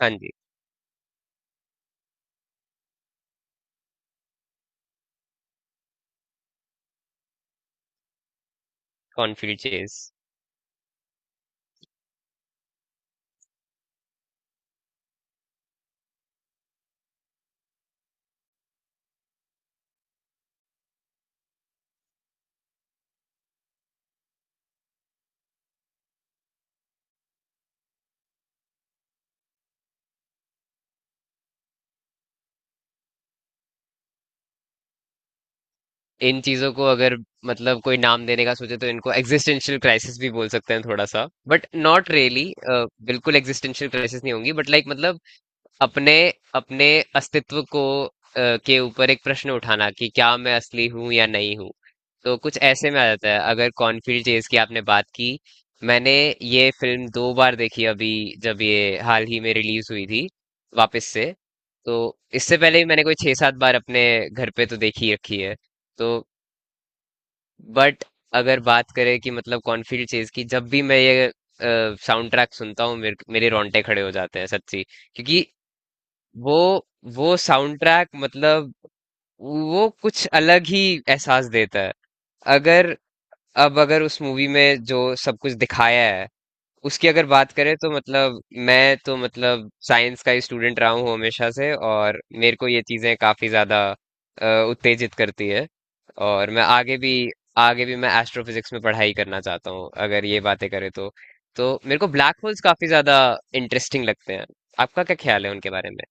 हाँ जी। Cornfield Chase. इन चीजों को अगर मतलब कोई नाम देने का सोचे तो इनको एग्जिस्टेंशियल क्राइसिस भी बोल सकते हैं थोड़ा सा। But not really. बिल्कुल एग्जिस्टेंशियल क्राइसिस नहीं होंगी बट लाइक मतलब अपने अपने अस्तित्व को के ऊपर एक प्रश्न उठाना कि क्या मैं असली हूं या नहीं हूं। तो कुछ ऐसे में आ जाता है अगर कॉर्नफील्ड चेज की आपने बात की। मैंने ये फिल्म 2 बार देखी अभी जब ये हाल ही में रिलीज हुई थी वापस से। तो इससे पहले भी मैंने कोई छह सात बार अपने घर पे तो देखी रखी है। तो बट अगर बात करें कि मतलब कॉर्नफील्ड चेज की जब भी मैं ये साउंड ट्रैक सुनता हूँ मेरे मेरे रोंगटे खड़े हो जाते हैं सच्ची। क्योंकि वो वो साउंड ट्रैक मतलब वो कुछ अलग ही एहसास देता है। अगर अब अगर उस मूवी में जो सब कुछ दिखाया है उसकी अगर बात करें तो मतलब मैं तो मतलब साइंस का ही स्टूडेंट रहा हूँ हमेशा से और मेरे को ये चीजें काफी ज्यादा उत्तेजित करती है। और मैं आगे भी मैं एस्ट्रोफिजिक्स में पढ़ाई करना चाहता हूँ अगर ये बातें करें तो। तो मेरे को ब्लैक होल्स काफी ज्यादा इंटरेस्टिंग लगते हैं। आपका क्या ख्याल है उनके बारे में?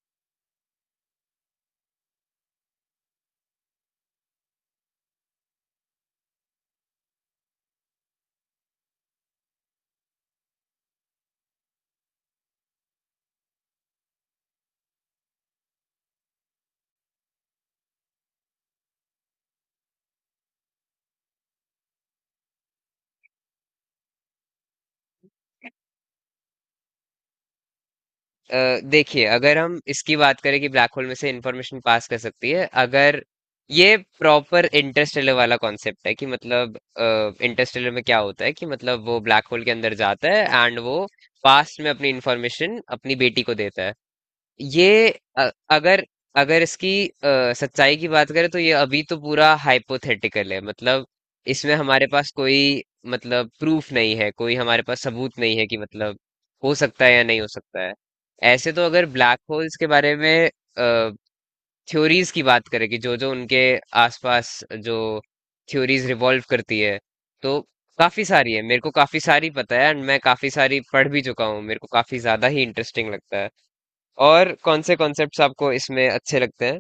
देखिए अगर हम इसकी बात करें कि ब्लैक होल में से इंफॉर्मेशन पास कर सकती है अगर ये प्रॉपर इंटरस्टेलर वाला कॉन्सेप्ट है कि मतलब इंटरस्टेलर में क्या होता है कि मतलब वो ब्लैक होल के अंदर जाता है एंड वो पास्ट में अपनी इंफॉर्मेशन अपनी बेटी को देता है। ये अगर अगर इसकी सच्चाई की बात करें तो ये अभी तो पूरा हाइपोथेटिकल है मतलब इसमें हमारे पास कोई मतलब प्रूफ नहीं है कोई हमारे पास सबूत नहीं है कि मतलब हो सकता है या नहीं हो सकता है। ऐसे तो अगर ब्लैक होल्स के बारे में थ्योरीज की बात करें कि जो जो उनके आसपास जो थ्योरीज रिवॉल्व करती है तो काफी सारी है मेरे को काफी सारी पता है एंड मैं काफी सारी पढ़ भी चुका हूँ मेरे को काफी ज्यादा ही इंटरेस्टिंग लगता है। और कौन से कॉन्सेप्ट्स आपको इसमें अच्छे लगते हैं?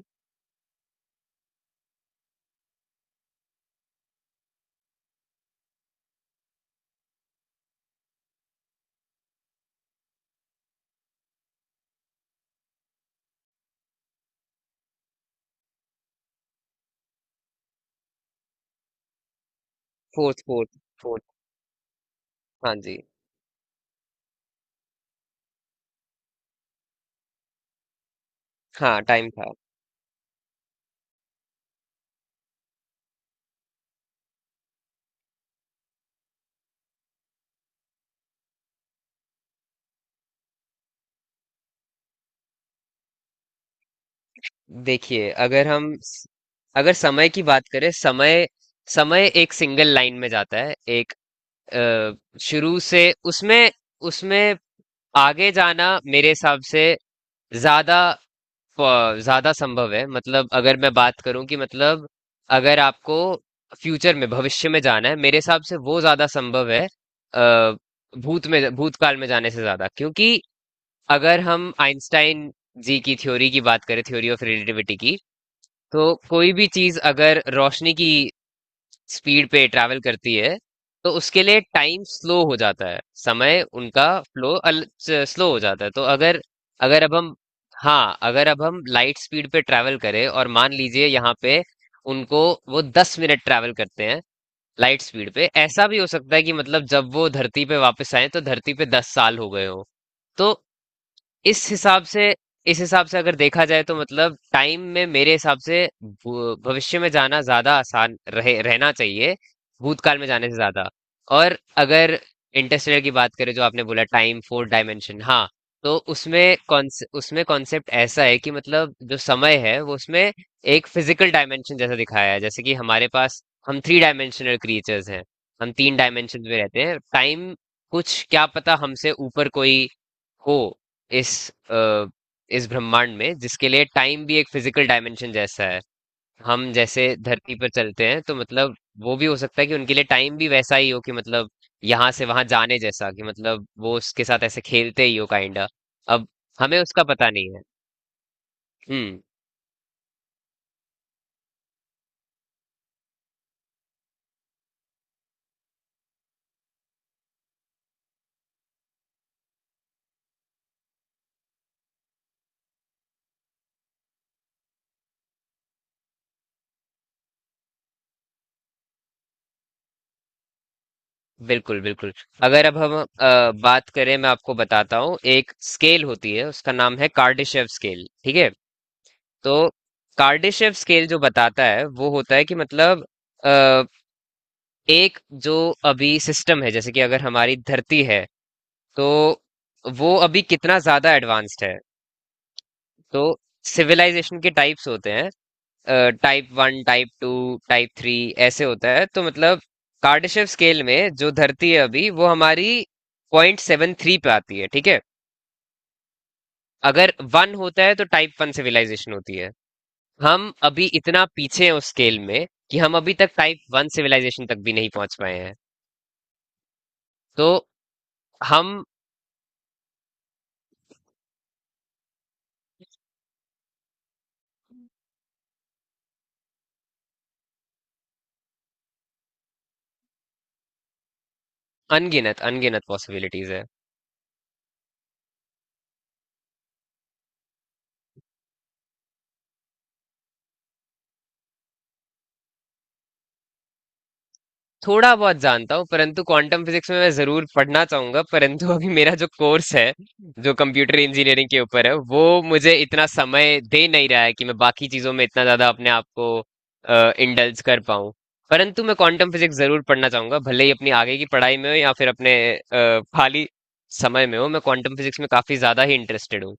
फोर्थ फोर्थ फोर्थ हाँ जी। हाँ टाइम था। देखिए अगर हम स- अगर समय की बात करें। समय समय एक सिंगल लाइन में जाता है एक अ, शुरू से। उसमें उसमें आगे जाना मेरे हिसाब से ज्यादा ज्यादा संभव है मतलब अगर मैं बात करूं कि मतलब अगर आपको फ्यूचर में भविष्य में जाना है मेरे हिसाब से वो ज्यादा संभव है। अ, भूत में भूतकाल में जाने से ज्यादा क्योंकि अगर हम आइंस्टाइन जी की थ्योरी की बात करें थ्योरी ऑफ रिलेटिविटी की तो कोई भी चीज अगर रोशनी की स्पीड पे ट्रैवल करती है तो उसके लिए टाइम स्लो हो जाता है समय उनका फ्लो स्लो हो जाता है। तो अगर अगर अब हम हाँ अगर अब हम लाइट स्पीड पे ट्रैवल करें और मान लीजिए यहाँ पे उनको वो 10 मिनट ट्रैवल करते हैं लाइट स्पीड पे ऐसा भी हो सकता है कि मतलब जब वो धरती पे वापस आए तो धरती पे 10 साल हो गए हो। तो इस हिसाब से इस हिसाब से अगर देखा जाए तो मतलब टाइम में मेरे हिसाब से भविष्य में जाना ज्यादा आसान रहे रहना चाहिए भूतकाल में जाने से ज्यादा। और अगर इंटरस्टेलर की बात करें जो आपने बोला टाइम फोर डायमेंशन हाँ। तो उसमें कॉन्स उसमें कॉन्सेप्ट ऐसा है कि मतलब जो समय है वो उसमें एक फिजिकल डायमेंशन जैसा दिखाया है जैसे कि हमारे पास हम थ्री डायमेंशनल क्रिएचर्स हैं। हम 3 डायमेंशन में रहते हैं टाइम कुछ क्या पता हमसे ऊपर कोई हो इस इस ब्रह्मांड में जिसके लिए टाइम भी एक फिजिकल डायमेंशन जैसा है। हम जैसे धरती पर चलते हैं तो मतलब वो भी हो सकता है कि उनके लिए टाइम भी वैसा ही हो कि मतलब यहाँ से वहां जाने जैसा कि मतलब वो उसके साथ ऐसे खेलते ही हो काइंडा। अब हमें उसका पता नहीं है। हम्म। बिल्कुल बिल्कुल। अगर अब हम बात करें मैं आपको बताता हूँ एक स्केल होती है उसका नाम है कार्डिशेव स्केल ठीक है। तो कार्डिशेव स्केल जो बताता है वो होता है कि मतलब एक जो अभी सिस्टम है जैसे कि अगर हमारी धरती है तो वो अभी कितना ज्यादा एडवांस्ड है। तो सिविलाइजेशन के टाइप्स होते हैं टाइप 1 टाइप 2 टाइप 3 ऐसे होता है। तो मतलब कार्डाशेव स्केल में जो धरती है अभी वो हमारी 0.73 पे आती है ठीक है। अगर 1 होता है तो टाइप 1 सिविलाइजेशन होती है। हम अभी इतना पीछे हैं उस स्केल में कि हम अभी तक टाइप 1 सिविलाइजेशन तक भी नहीं पहुंच पाए हैं। तो हम अनगिनत अनगिनत पॉसिबिलिटीज है। थोड़ा बहुत जानता हूँ परंतु क्वांटम फिजिक्स में मैं जरूर पढ़ना चाहूंगा परंतु अभी मेरा जो कोर्स है जो कंप्यूटर इंजीनियरिंग के ऊपर है वो मुझे इतना समय दे नहीं रहा है कि मैं बाकी चीजों में इतना ज्यादा अपने आप को इंडल्ज कर पाऊँ। परंतु मैं क्वांटम फिजिक्स जरूर पढ़ना चाहूंगा भले ही अपनी आगे की पढ़ाई में हो या फिर अपने खाली समय में हो मैं क्वांटम फिजिक्स में काफी ज्यादा ही इंटरेस्टेड हूँ।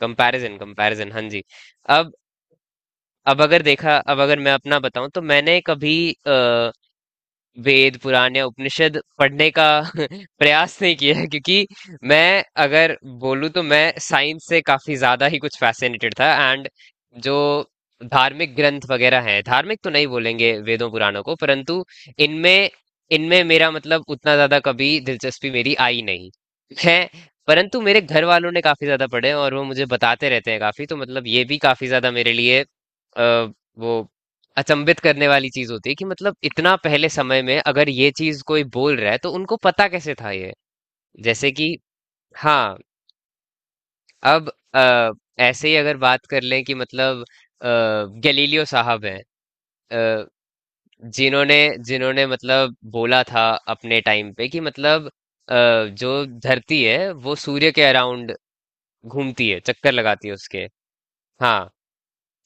कंपैरिजन कंपैरिजन हाँ जी। अब अब अगर मैं अपना बताऊं तो मैंने कभी अ, वेद पुराण या उपनिषद पढ़ने का प्रयास नहीं किया है क्योंकि मैं अगर बोलूँ तो मैं साइंस से काफी ज्यादा ही कुछ फैसिनेटेड था एंड जो धार्मिक ग्रंथ वगैरह हैं धार्मिक तो नहीं बोलेंगे वेदों पुराणों को परंतु इनमें इनमें मेरा मतलब उतना ज्यादा कभी दिलचस्पी मेरी आई नहीं है। परंतु मेरे घर वालों ने काफी ज्यादा पढ़े हैं और वो मुझे बताते रहते हैं काफी तो मतलब ये भी काफी ज्यादा मेरे लिए अ, वो अचंभित करने वाली चीज होती है कि मतलब इतना पहले समय में अगर ये चीज कोई बोल रहा है तो उनको पता कैसे था ये। जैसे कि हाँ। अब अ, ऐसे ही अगर बात कर लें कि मतलब गैलीलियो साहब हैं अ, जिन्होंने जिन्होंने मतलब बोला था अपने टाइम पे कि मतलब जो धरती है वो सूर्य के अराउंड घूमती है चक्कर लगाती है उसके। हाँ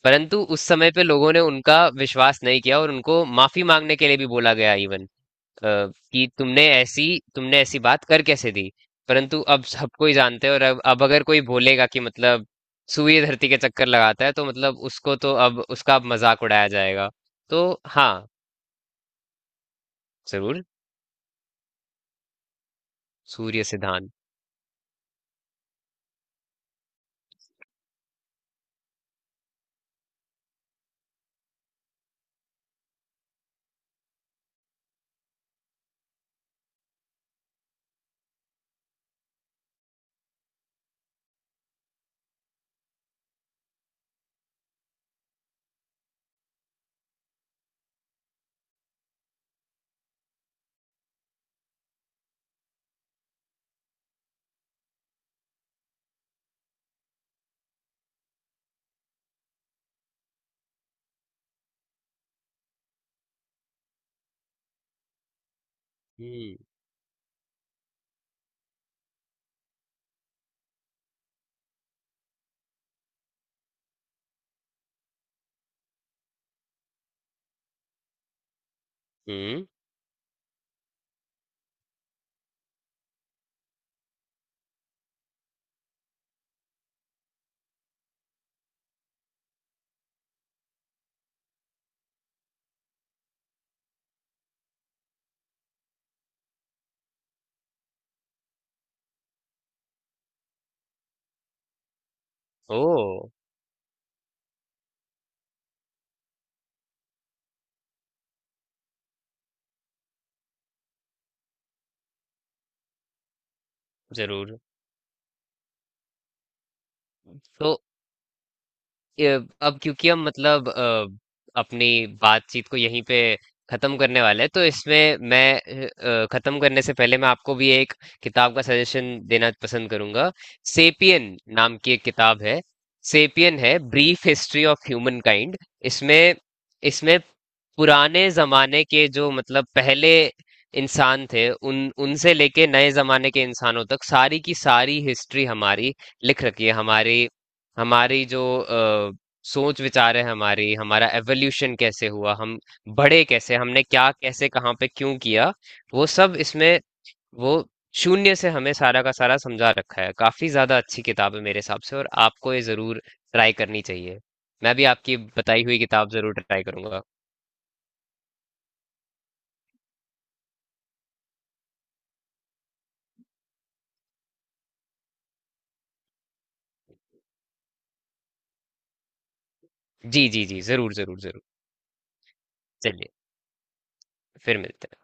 परंतु उस समय पे लोगों ने उनका विश्वास नहीं किया और उनको माफी मांगने के लिए भी बोला गया इवन अ, कि तुमने ऐसी बात कर कैसे दी। परंतु अब सबको ही जानते हैं और अब अगर कोई बोलेगा कि मतलब सूर्य धरती के चक्कर लगाता है तो मतलब उसको तो अब उसका अब मजाक उड़ाया जाएगा। तो हाँ जरूर। सूर्य सिद्धांत। हम्म हम्म। ओ जरूर। तो अब क्योंकि हम मतलब अपनी बातचीत को यहीं पे खत्म करने वाले हैं तो इसमें मैं खत्म करने से पहले मैं आपको भी एक किताब का सजेशन देना पसंद करूंगा। सेपियन नाम की एक किताब है। सेपियन है brief history of humankind. इसमें इसमें पुराने जमाने के जो मतलब पहले इंसान थे उन उनसे लेके नए जमाने के इंसानों तक सारी की सारी हिस्ट्री हमारी लिख रखी है। हमारी हमारी जो सोच विचार है हमारी हमारा एवोल्यूशन कैसे हुआ हम बढ़े कैसे हमने क्या कैसे कहाँ पे क्यों किया वो सब इसमें वो शून्य से हमें सारा का सारा समझा रखा है काफी ज्यादा अच्छी किताब है मेरे हिसाब से और आपको ये जरूर ट्राई करनी चाहिए। मैं भी आपकी बताई हुई किताब जरूर ट्राई करूंगा। जी जी जी जरूर जरूर जरूर। चलिए फिर मिलते हैं।